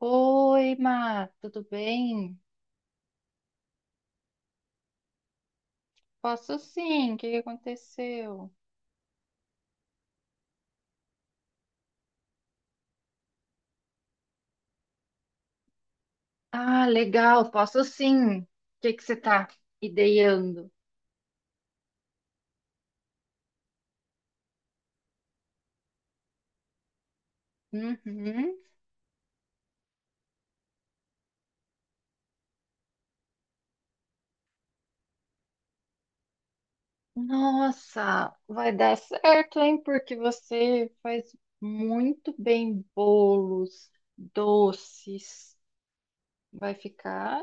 Oi, Má, tudo bem? Posso sim, o que que aconteceu? Ah, legal, posso sim. O que que você tá ideando? Uhum. Nossa, vai dar certo, hein? Porque você faz muito bem bolos, doces. Vai ficar?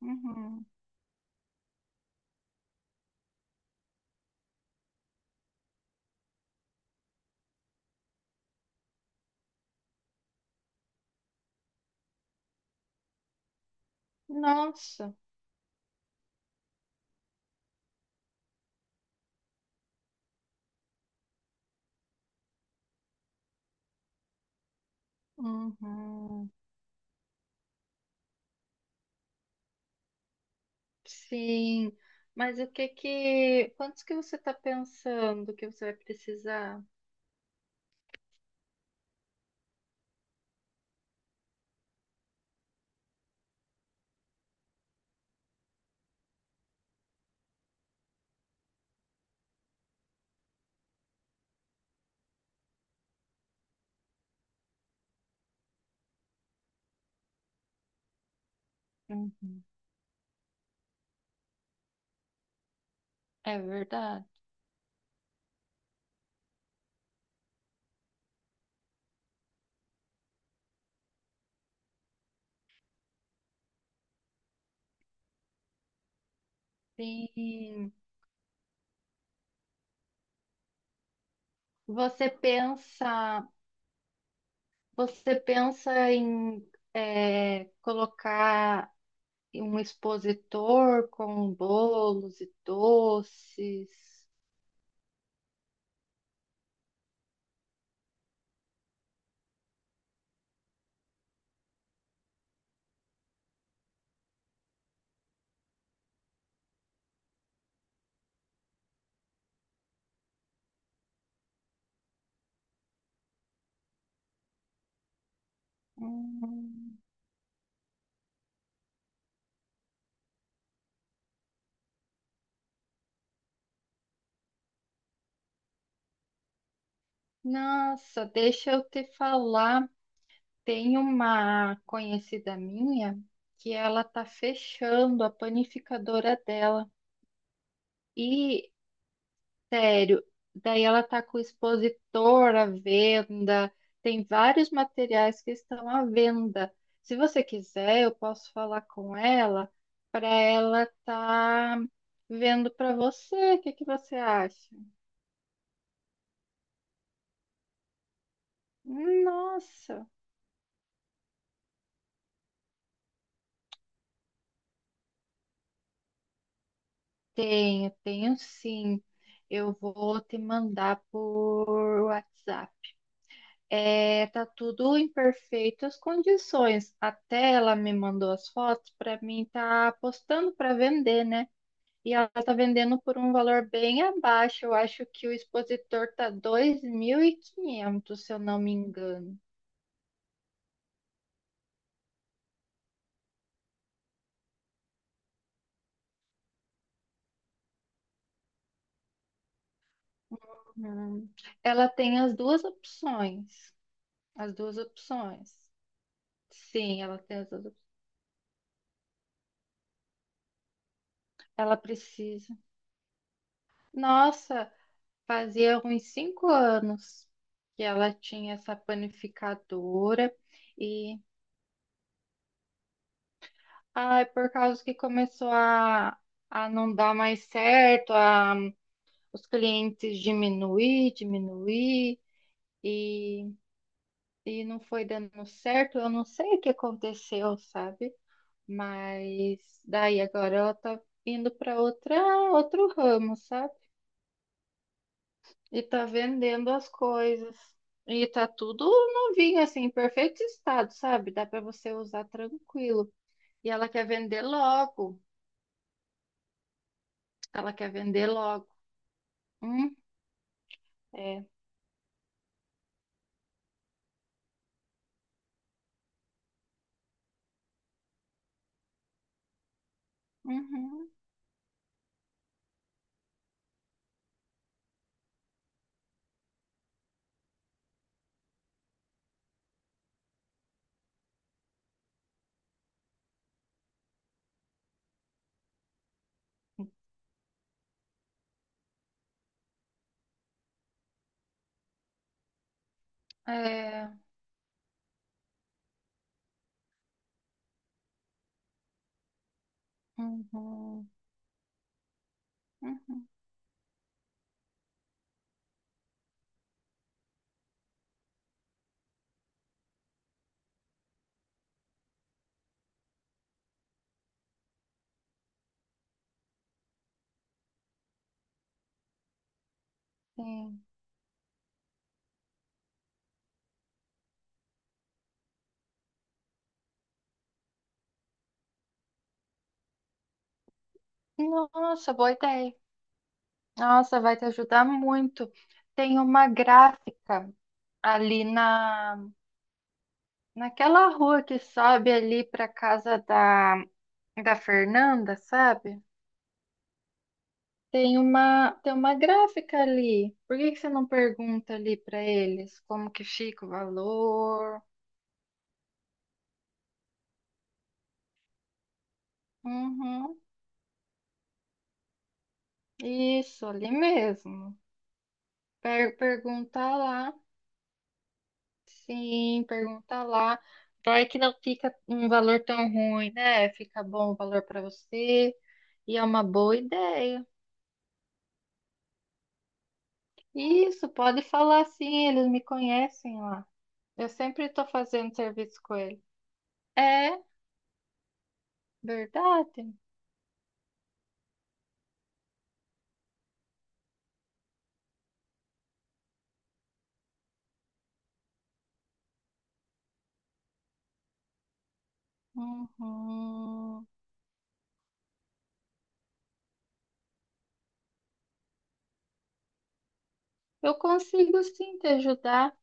Uhum. Nossa. Uhum. Sim. Mas o que que, quantos que você está pensando que você vai precisar? Uhum. É verdade. Sim. Você pensa, você pensa em colocar um expositor com bolos e doces. Hum. Nossa, deixa eu te falar. Tem uma conhecida minha que ela tá fechando a panificadora dela. E sério, daí ela tá com o expositor à venda, tem vários materiais que estão à venda. Se você quiser, eu posso falar com ela para ela tá vendo para você. O que que você acha? Nossa, tenho sim. Eu vou te mandar por WhatsApp. É, tá tudo em perfeitas condições. Até ela me mandou as fotos para mim tá postando para vender, né? E ela tá vendendo por um valor bem abaixo. Eu acho que o expositor tá 2500 se eu não me engano. Hum. Ela tem as duas opções. As duas opções. Sim, ela tem as duas opções. Ela precisa. Nossa, fazia uns 5 anos que ela tinha essa panificadora e ai, por causa que começou a não dar mais certo, a, os clientes diminuir e, e não foi dando certo. Eu não sei o que aconteceu, sabe? Mas daí agora ela tá indo para outra outro ramo, sabe? E tá vendendo as coisas. E tá tudo novinho, assim, em perfeito estado, sabe? Dá para você usar tranquilo. E ela quer vender logo. Ela quer vender logo. Hum, é. Uhum, é. Uhum, uhum, sim. Nossa, boa ideia. Nossa, vai te ajudar muito. Tem uma gráfica ali naquela rua que sobe ali para casa da Fernanda, sabe? Tem uma gráfica ali. Por que que você não pergunta ali para eles como que fica o valor? Uhum, isso, ali mesmo. Pergunta lá. Sim, pergunta lá. Vai que não fica um valor tão ruim, né? Fica bom o valor para você. E é uma boa ideia. Isso, pode falar sim, eles me conhecem lá. Eu sempre estou fazendo serviço com eles. É verdade. Uhum. Eu consigo sim te ajudar,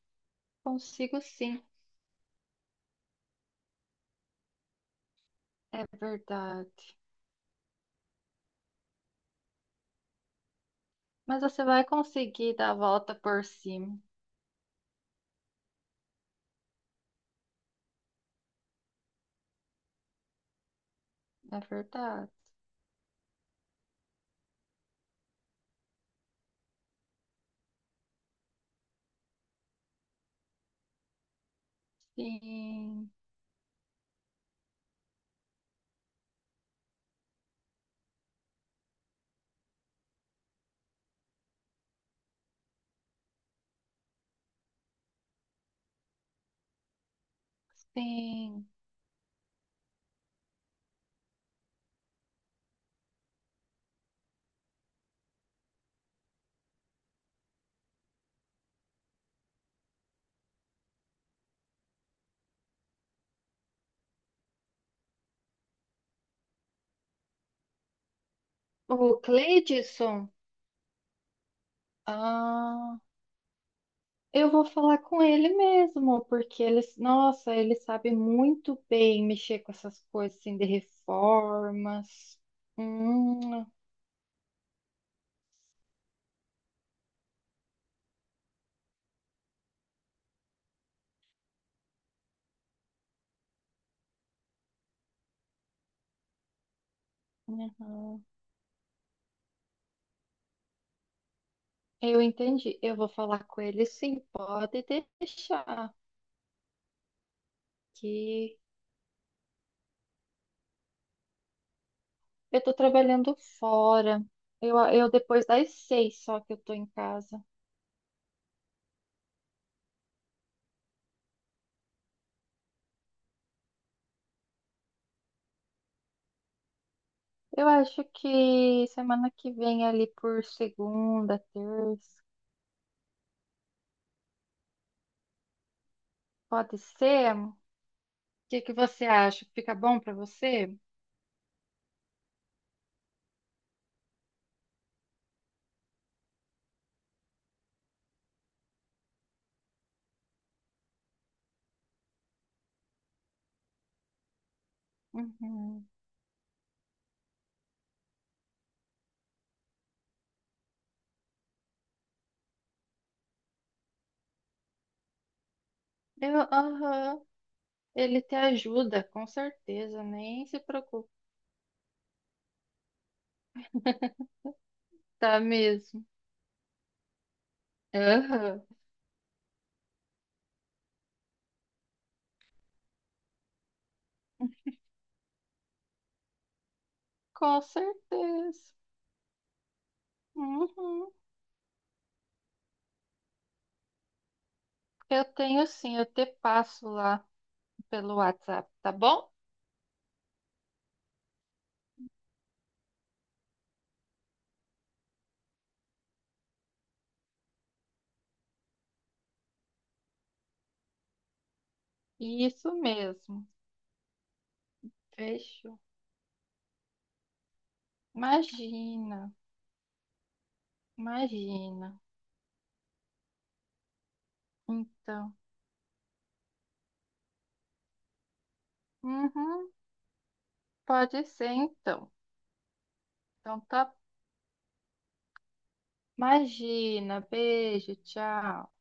consigo sim, é verdade. Mas você vai conseguir dar a volta por cima, é verdade. Sim, sim. O Cleidson, ah, eu vou falar com ele mesmo, porque ele, nossa, ele sabe muito bem mexer com essas coisas assim de reformas. Hum, uhum. Eu entendi, eu vou falar com ele sim, pode deixar que eu tô trabalhando fora. Eu depois das 6 só que eu tô em casa. Eu acho que semana que vem ali por segunda, terça, pode ser? O que que você acha? Fica bom pra você? Uhum. Eu, aham. Ele te ajuda, com certeza. Nem se preocupe. Tá mesmo. Aham. Com certeza. Uhum. Eu tenho sim, eu te passo lá pelo WhatsApp, tá bom? Isso mesmo. Fechou. Imagina, imagina. Então, uhum, pode ser então. Então tá. Imagina, beijo, tchau.